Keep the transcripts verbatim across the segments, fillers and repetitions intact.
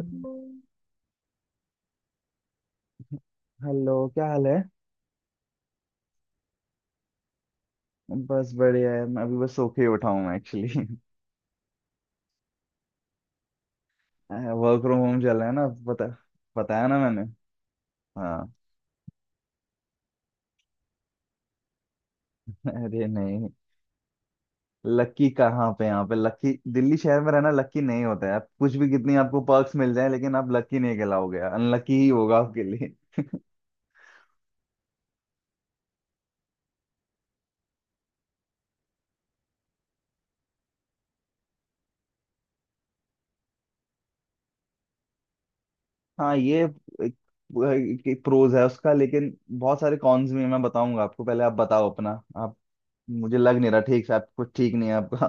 Hello. क्या हाल है। बस बढ़िया है, मैं अभी बस सो के ही उठा हूँ। मैं एक्चुअली वर्क फ्रॉम होम चल रहा है ना। पता, बताया ना मैंने। हाँ। अरे नहीं, लकी कहाँ पे? यहाँ पे लकी? दिल्ली शहर में रहना लकी नहीं होता है। आप कुछ भी, कितनी आपको पर्क्स मिल जाए, लेकिन आप लकी नहीं कहलाओगे, अनलकी ही होगा आपके लिए। हाँ, ये एक, एक, प्रोज है उसका, लेकिन बहुत सारे कॉन्स भी हैं। मैं बताऊंगा आपको, पहले आप बताओ अपना। आप, मुझे लग नहीं रहा ठीक से, आप कुछ ठीक नहीं है आपका।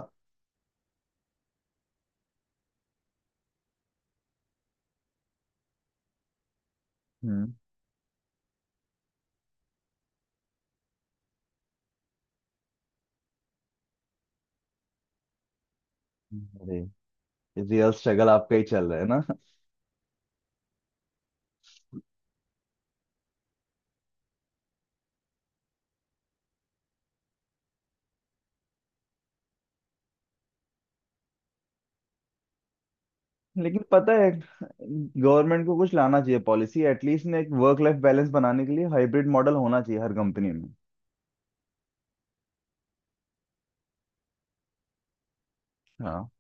हम्म। अरे, रियल स्ट्रगल आपका ही चल रहा है ना। लेकिन पता है, गवर्नमेंट को कुछ लाना चाहिए पॉलिसी एटलीस्ट, ने एक वर्क लाइफ बैलेंस बनाने के लिए हाइब्रिड मॉडल होना चाहिए हर कंपनी में। हाँ,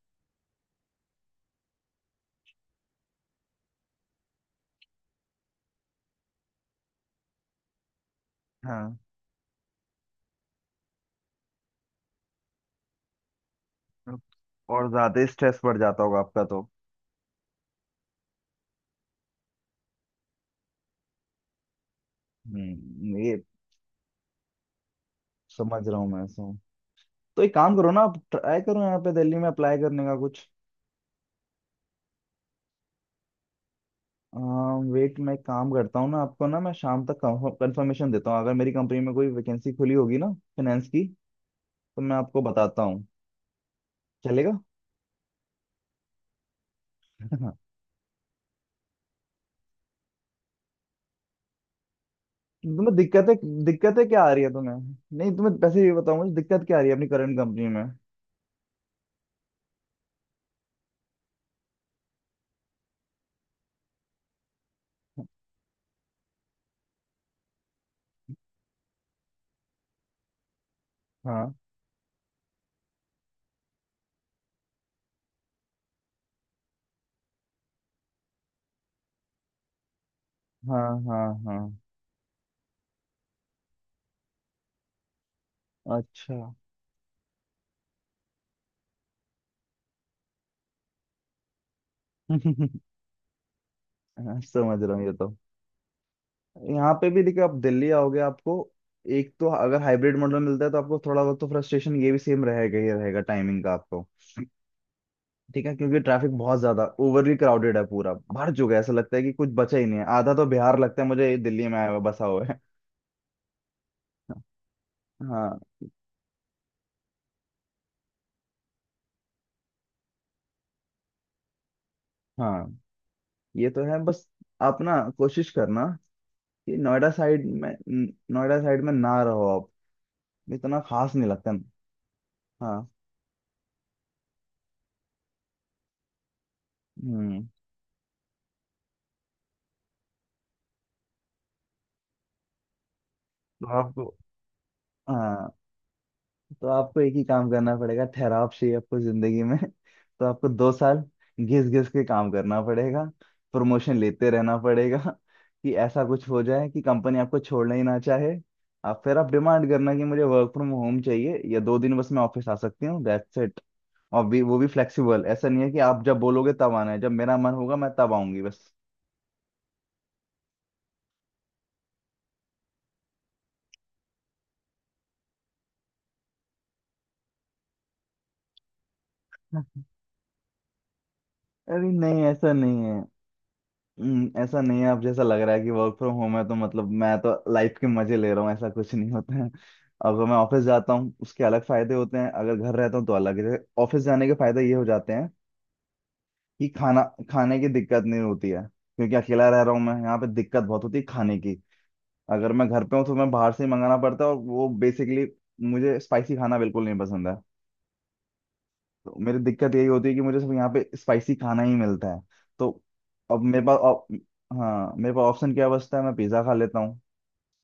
हाँ, और ज्यादा स्ट्रेस बढ़ जाता होगा आपका तो। हम्म, ये समझ रहा हूँ मैं ऐसा। तो एक काम करो ना, आप ट्राई करो यहाँ पे दिल्ली में अप्लाई करने का कुछ। वेट, मैं एक काम करता हूँ ना, आपको ना मैं शाम तक कंफर्मेशन देता हूँ। अगर मेरी कंपनी में कोई वैकेंसी खुली होगी ना फाइनेंस की, तो मैं आपको बताता हूँ। चलेगा। तुम्हें दिक्कतें, दिक्कतें क्या आ रही है तुम्हें? नहीं, तुम्हें पैसे, ये बताओ मुझे दिक्कत क्या आ रही है अपनी करंट कंपनी में। हाँ, हाँ, हाँ। हाँ, अच्छा। हाँ, समझ रहा हूँ ये तो। यहाँ पे भी देखिए, आप दिल्ली आओगे आपको, एक तो अगर हाइब्रिड मॉडल मिलता है तो आपको थोड़ा बहुत तो फ्रस्ट्रेशन ये भी सेम रहेगा ही रहेगा, टाइमिंग का आपको। ठीक है, क्योंकि ट्रैफिक बहुत ज्यादा ओवरली क्राउडेड है, पूरा भर चुका है, ऐसा लगता है कि कुछ बचा ही नहीं है। आधा तो बिहार लगता है मुझे ये, दिल्ली में आया हुआ बसा हुआ है। हाँ, हाँ, ये तो है बस। आप ना कोशिश करना कि नोएडा साइड में न- नोएडा साइड में ना रहो आप, इतना खास नहीं लगता ना। हाँ। हम्म, तो आपको, हाँ, तो आपको एक ही काम करना पड़ेगा। ठहराव चाहिए आपको जिंदगी में। तो आपको दो साल घिस घिस के काम करना पड़ेगा, प्रमोशन लेते रहना पड़ेगा कि ऐसा कुछ हो जाए कि कंपनी आपको छोड़ना ही ना चाहे। आप फिर आप डिमांड करना कि मुझे वर्क फ्रॉम होम चाहिए, या दो दिन बस मैं ऑफिस आ सकती हूँ, दैट्स इट। और भी, वो भी फ्लेक्सिबल, ऐसा नहीं है कि आप जब बोलोगे तब आना है, जब मेरा मन होगा मैं तब आऊंगी बस। अरे नहीं, ऐसा नहीं है। हम्म, ऐसा नहीं है आप जैसा लग रहा है कि वर्क फ्रॉम होम है तो मतलब मैं तो लाइफ के मजे ले रहा हूँ, ऐसा कुछ नहीं होता है। अगर मैं ऑफिस जाता हूँ उसके अलग फायदे होते हैं, अगर घर रहता हूँ तो अलग है। ऑफिस जाने के फायदे ये हो जाते हैं कि खाना, खाने की दिक्कत नहीं होती है। क्योंकि अकेला रह रहा हूँ मैं यहाँ पे, दिक्कत बहुत होती है खाने की। अगर मैं घर पे हूँ तो मैं बाहर से ही मंगाना पड़ता है, और वो बेसिकली मुझे स्पाइसी खाना बिल्कुल नहीं पसंद है। तो मेरी दिक्कत यही होती है कि मुझे सिर्फ यहाँ पे स्पाइसी खाना ही मिलता है। तो अब मेरे पास ऑप- हाँ, मेरे पास ऑप्शन क्या बचता है? मैं पिज़्ज़ा खा लेता हूँ,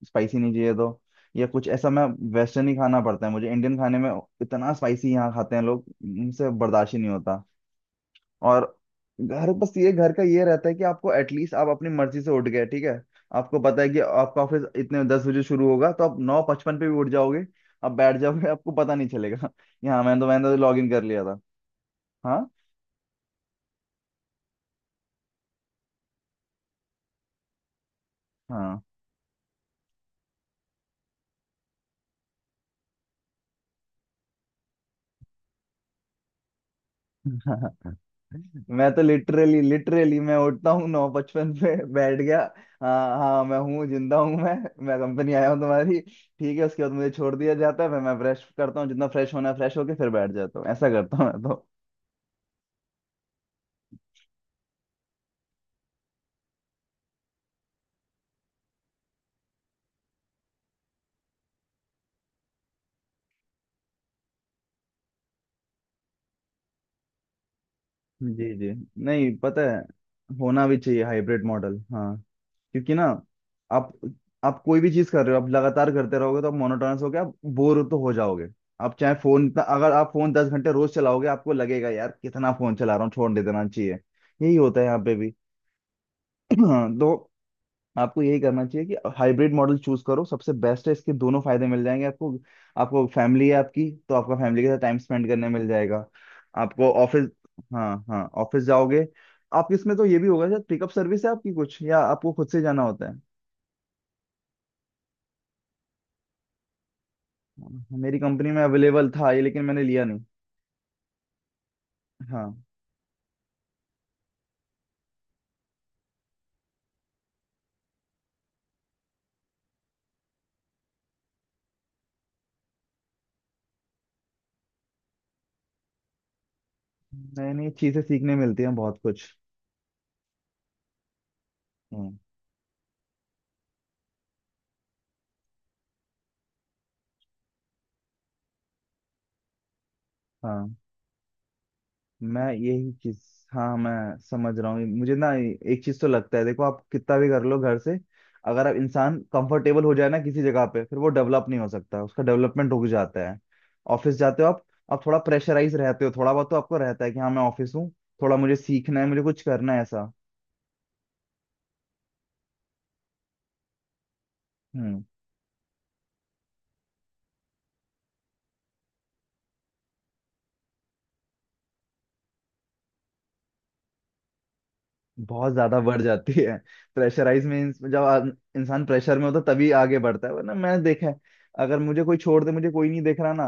स्पाइसी नहीं चाहिए तो, या कुछ ऐसा। मैं वेस्टर्न ही खाना पड़ता है मुझे, इंडियन खाने में इतना स्पाइसी यहाँ खाते हैं लोग, मुझसे बर्दाश्त ही नहीं होता। और घर बस ये, घर का ये रहता है कि आपको एटलीस्ट आप अपनी मर्जी से उठ गए, ठीक है। आपको पता है कि आपका ऑफिस इतने दस बजे शुरू होगा तो आप नौ पचपन पे भी उठ जाओगे, आप बैठ जाओगे, आपको पता नहीं चलेगा। यहाँ मैंने तो मैंने तो लॉग इन कर लिया था। हाँ, हाँ, मैं तो लिटरली, लिटरली मैं उठता हूँ नौ पचपन पे बैठ गया। हाँ, हाँ, मैं हूँ, जिंदा हूँ मैं मैं कंपनी आया हूँ तुम्हारी, ठीक है। उसके बाद मुझे छोड़ दिया जाता है, फिर मैं फ्रेश करता हूँ, जितना फ्रेश होना है फ्रेश होके फिर बैठ जाता हूँ, ऐसा करता हूँ मैं तो। जी, जी, नहीं पता है, होना भी चाहिए हाइब्रिड मॉडल। हाँ, क्योंकि ना, आप आप कोई भी चीज कर रहे हो, आप लगातार करते रहोगे तो आप मोनोटोनस हो गया, आप बोर तो हो जाओगे। आप चाहे फोन, अगर आप फोन दस घंटे रोज चलाओगे, आपको लगेगा यार कितना फोन चला रहा हूँ, छोड़ दे, देना चाहिए। यही होता है यहाँ पे भी। हाँ, तो आपको यही करना चाहिए कि हाइब्रिड मॉडल चूज करो, सबसे बेस्ट है, इसके दोनों फायदे मिल जाएंगे आपको। आपको फैमिली है आपकी, तो आपका फैमिली के साथ टाइम स्पेंड करने मिल जाएगा। आपको ऑफिस, हाँ, हाँ, ऑफिस जाओगे आप। इसमें तो ये भी होगा सर, पिकअप सर्विस है आपकी कुछ या आपको खुद से जाना होता है? हाँ, मेरी कंपनी में अवेलेबल था ये, लेकिन मैंने लिया नहीं। हाँ, नई नई चीजें सीखने मिलती हैं बहुत कुछ। हम्म, हाँ मैं यही चीज, हाँ मैं समझ रहा हूँ, मुझे ना एक चीज तो लगता है, देखो आप कितना भी कर लो घर से, अगर आप इंसान कंफर्टेबल हो जाए ना किसी जगह पे, फिर वो डेवलप नहीं हो सकता, उसका डेवलपमेंट रुक जाता है। ऑफिस जाते हो आप आप थोड़ा प्रेशराइज रहते हो, थोड़ा बहुत तो आपको रहता है कि हाँ मैं ऑफिस हूँ, थोड़ा मुझे सीखना है, मुझे कुछ करना है ऐसा। हम्म, बहुत ज्यादा बढ़ जाती है प्रेशराइज में, इंस- जब आ- इंसान प्रेशर में होता है, तभी आगे बढ़ता है, वरना मैंने देखा है, अगर मुझे कोई छोड़ दे, मुझे कोई नहीं देख रहा ना,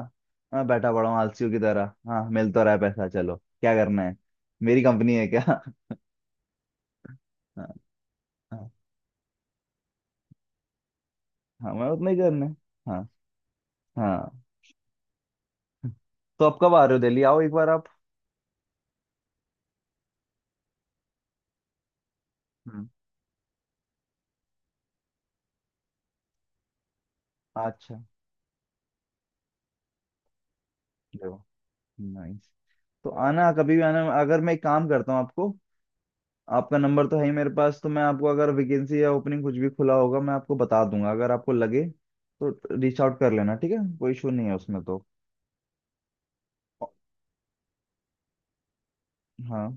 मैं बैठा पड़ा हूँ आलसियों की तरह, हाँ मिल तो रहा है पैसा चलो, क्या करना है, मेरी कंपनी है क्या? हाँ, हाँ, हाँ, मैं उतना ही करना है। हाँ, हाँ, तो आप कब आ रहे हो? दिल्ली आओ एक बार आप। हम्म, अच्छा, देखो, नाइस, तो आना, कभी भी आना। अगर मैं एक काम करता हूँ आपको, आपका नंबर तो है ही मेरे पास, तो मैं आपको, अगर वैकेंसी या ओपनिंग कुछ भी खुला होगा मैं आपको बता दूंगा, अगर आपको लगे तो रीच आउट कर लेना, ठीक है, कोई इशू नहीं है उसमें तो। हाँ।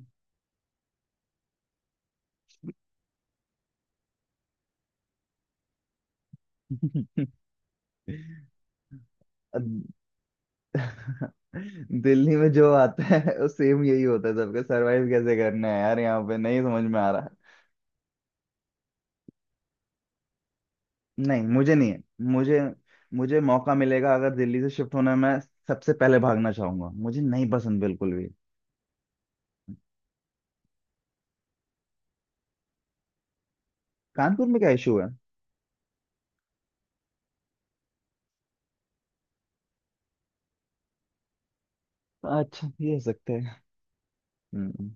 दिल्ली में जो आता है वो सेम यही होता है सबका, सरवाइव कैसे करना है यार यहाँ पे, नहीं समझ में आ रहा। नहीं, मुझे नहीं है, मुझे, मुझे मौका मिलेगा अगर दिल्ली से शिफ्ट होने में, सबसे पहले भागना चाहूंगा, मुझे नहीं पसंद बिल्कुल भी। कानपुर में क्या इशू है? अच्छा, ये हो सकता है।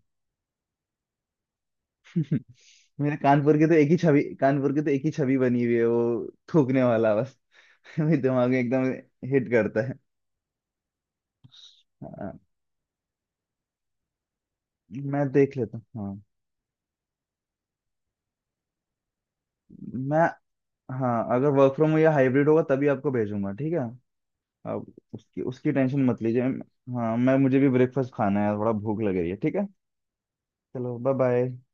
मेरे कानपुर की तो एक ही छवि, कानपुर की तो एक ही छवि बनी हुई है, वो थूकने वाला बस। मेरे दिमाग में एकदम हिट करता है। हाँ, मैं देख लेता हूँ। हाँ, मैं, हाँ, अगर वर्क फ्रॉम या हाइब्रिड होगा तभी आपको भेजूंगा, ठीक है। आप उसकी, उसकी टेंशन मत लीजिए। हाँ, मैं, मुझे भी ब्रेकफास्ट खाना है, थोड़ा भूख लग रही है, ठीक है। चलो, बाय बाय।